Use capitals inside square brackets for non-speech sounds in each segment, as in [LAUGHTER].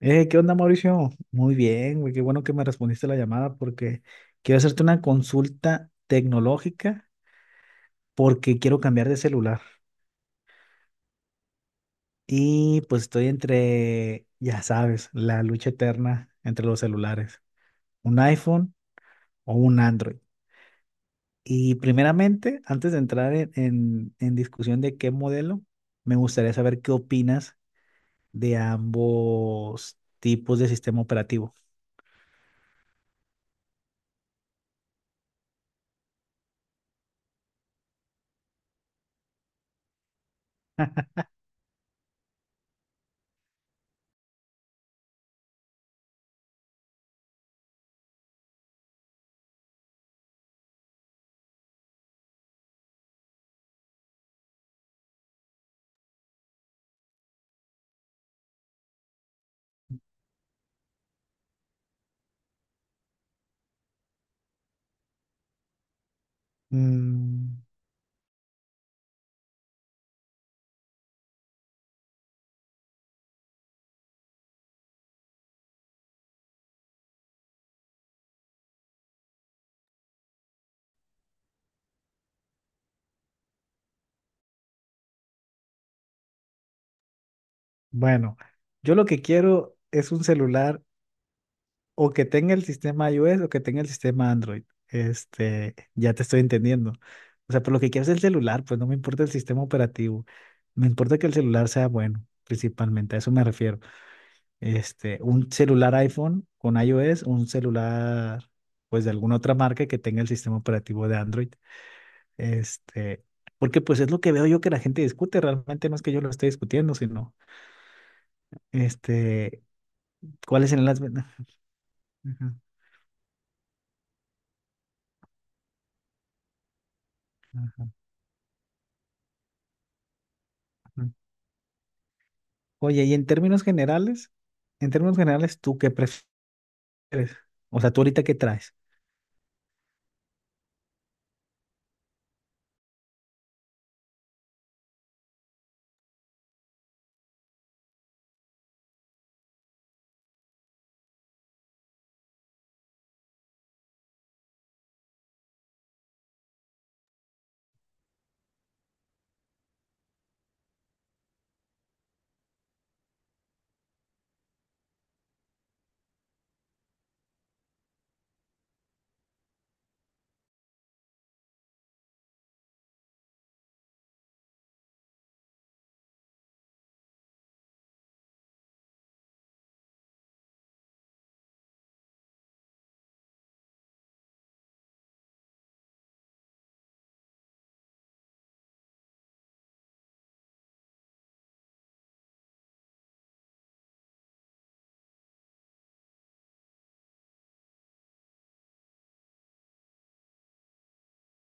¿Qué onda, Mauricio? Muy bien, güey, qué bueno que me respondiste la llamada porque quiero hacerte una consulta tecnológica porque quiero cambiar de celular. Y pues estoy entre, ya sabes, la lucha eterna entre los celulares, un iPhone o un Android. Y primeramente, antes de entrar en discusión de qué modelo, me gustaría saber qué opinas de ambos tipos de sistema operativo. Mm. Bueno, yo lo que quiero es un celular o que tenga el sistema iOS o que tenga el sistema Android. Este, ya te estoy entendiendo. O sea, pero lo que quiero es el celular, pues no me importa el sistema operativo. Me importa que el celular sea bueno, principalmente, a eso me refiero. Este, un celular iPhone con iOS, un celular, pues de alguna otra marca que tenga el sistema operativo de Android. Este, porque pues es lo que veo yo que la gente discute, realmente no es que yo lo esté discutiendo, sino, este, ¿cuáles serán las ventajas? Ujú, ujú, ujú. Oye, y en términos generales, ¿tú qué prefieres? O sea, ¿tú ahorita qué traes?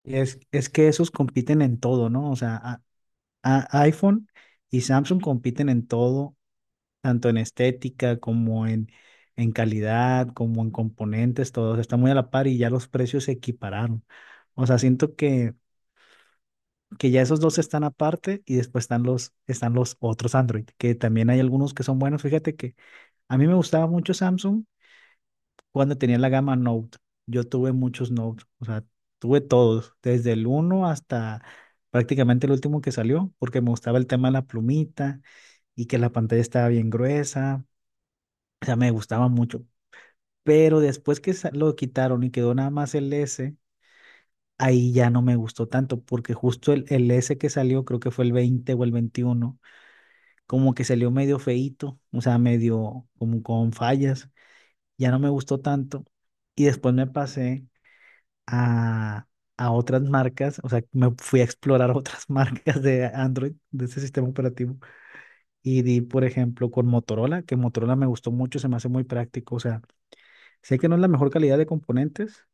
Es que esos compiten en todo, ¿no? O sea, iPhone y Samsung compiten en todo, tanto en estética como en calidad, como en componentes, todos están muy a la par y ya los precios se equipararon. O sea, siento que ya esos dos están aparte y después están están los otros Android, que también hay algunos que son buenos. Fíjate que a mí me gustaba mucho Samsung cuando tenía la gama Note. Yo tuve muchos Note, o sea, tuve todos, desde el uno hasta prácticamente el último que salió, porque me gustaba el tema de la plumita y que la pantalla estaba bien gruesa, o sea, me gustaba mucho. Pero después que lo quitaron y quedó nada más el S, ahí ya no me gustó tanto, porque justo el S que salió, creo que fue el 20 o el 21, como que salió medio feíto, o sea, medio como con fallas, ya no me gustó tanto. Y después me pasé a, a otras marcas, o sea, me fui a explorar otras [LAUGHS] marcas de Android, de ese sistema operativo, y di, por ejemplo, con Motorola, que Motorola me gustó mucho, se me hace muy práctico, o sea, sé que no es la mejor calidad de componentes,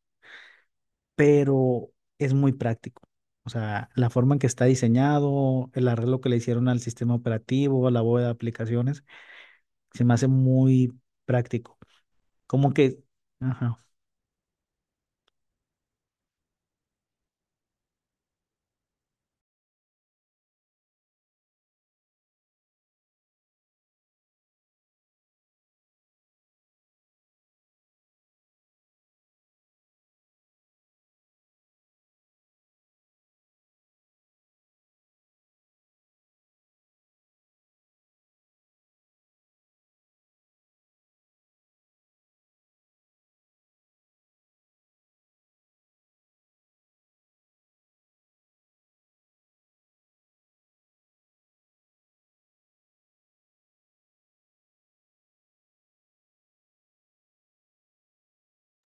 pero es muy práctico. O sea, la forma en que está diseñado, el arreglo que le hicieron al sistema operativo, a la bóveda de aplicaciones, se me hace muy práctico. Como que, ajá.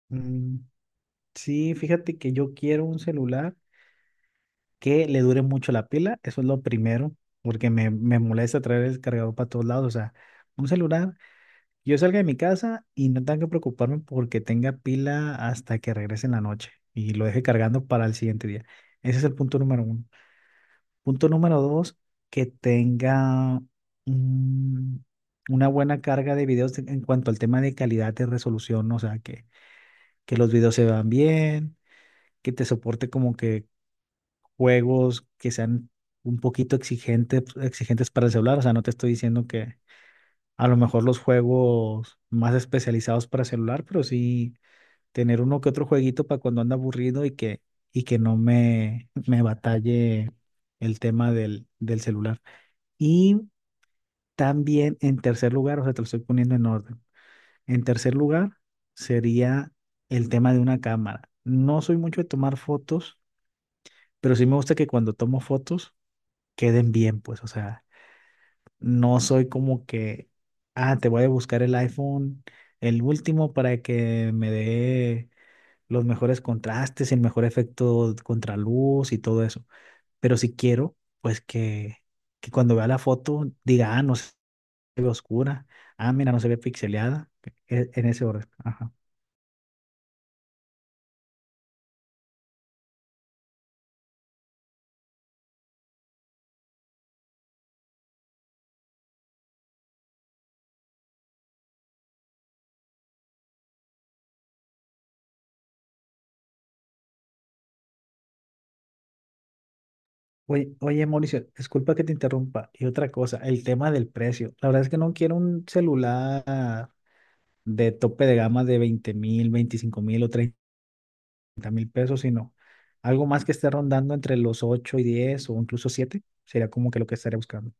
Mm, sí, fíjate que yo quiero un celular que le dure mucho la pila, eso es lo primero, porque me molesta traer el cargador para todos lados, o sea, un celular, yo salga de mi casa y no tengo que preocuparme porque tenga pila hasta que regrese en la noche y lo deje cargando para el siguiente día. Ese es el punto número uno. Punto número dos, que tenga mm, una buena carga de videos en cuanto al tema de calidad de resolución, o sea, que, los videos se vean bien, que te soporte como que juegos que sean un poquito exigentes, exigentes para el celular. O sea, no te estoy diciendo que a lo mejor los juegos más especializados para celular, pero sí tener uno que otro jueguito para cuando anda aburrido y que no me batalle el tema del celular. Y también en tercer lugar, o sea, te lo estoy poniendo en orden. En tercer lugar sería el tema de una cámara. No soy mucho de tomar fotos, pero sí me gusta que cuando tomo fotos queden bien, pues, o sea, no soy como que, ah, te voy a buscar el iPhone, el último, para que me dé los mejores contrastes, el mejor efecto contraluz y todo eso. Pero si quiero, pues que, cuando vea la foto diga, ah, no se ve oscura, ah, mira, no se ve pixeleada, en ese orden. Ajá. Oye, oye, Mauricio, disculpa que te interrumpa. Y otra cosa, el tema del precio. La verdad es que no quiero un celular de tope de gama de 20,000, 25,000 o 30,000 pesos, sino algo más que esté rondando entre los 8 y 10 o incluso siete sería como que lo que estaría buscando.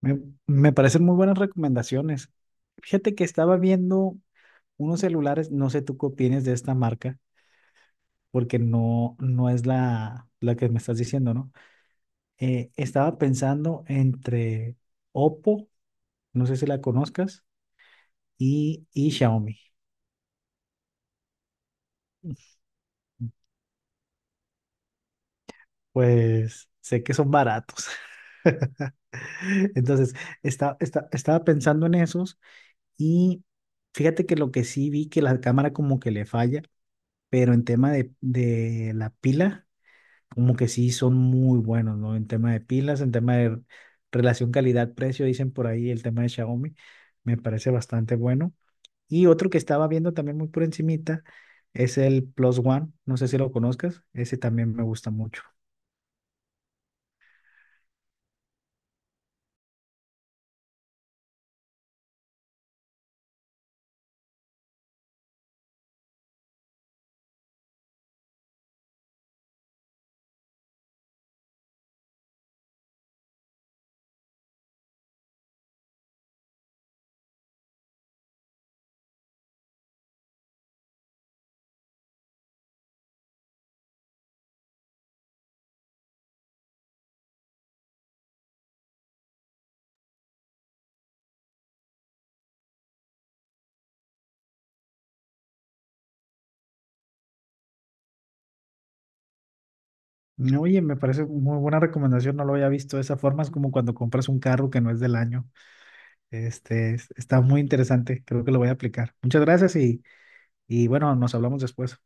Me, me parecen muy buenas recomendaciones. Fíjate que estaba viendo unos celulares, no sé tú qué opinas de esta marca, porque no es la que me estás diciendo, ¿no? Estaba pensando entre Oppo, no sé si la conozcas, y Xiaomi. Pues sé que son baratos. [LAUGHS] Entonces, está, estaba pensando en esos y fíjate que lo que sí vi que la cámara como que le falla, pero en tema de la pila, como que sí son muy buenos, ¿no? En tema de pilas, en tema de relación calidad-precio, dicen por ahí el tema de Xiaomi, me parece bastante bueno. Y otro que estaba viendo también muy por encimita es el Plus One, no sé si lo conozcas, ese también me gusta mucho. No, oye, me parece muy buena recomendación, no lo había visto de esa forma, es como cuando compras un carro que no es del año. Este, está muy interesante, creo que lo voy a aplicar. Muchas gracias y, bueno, nos hablamos después.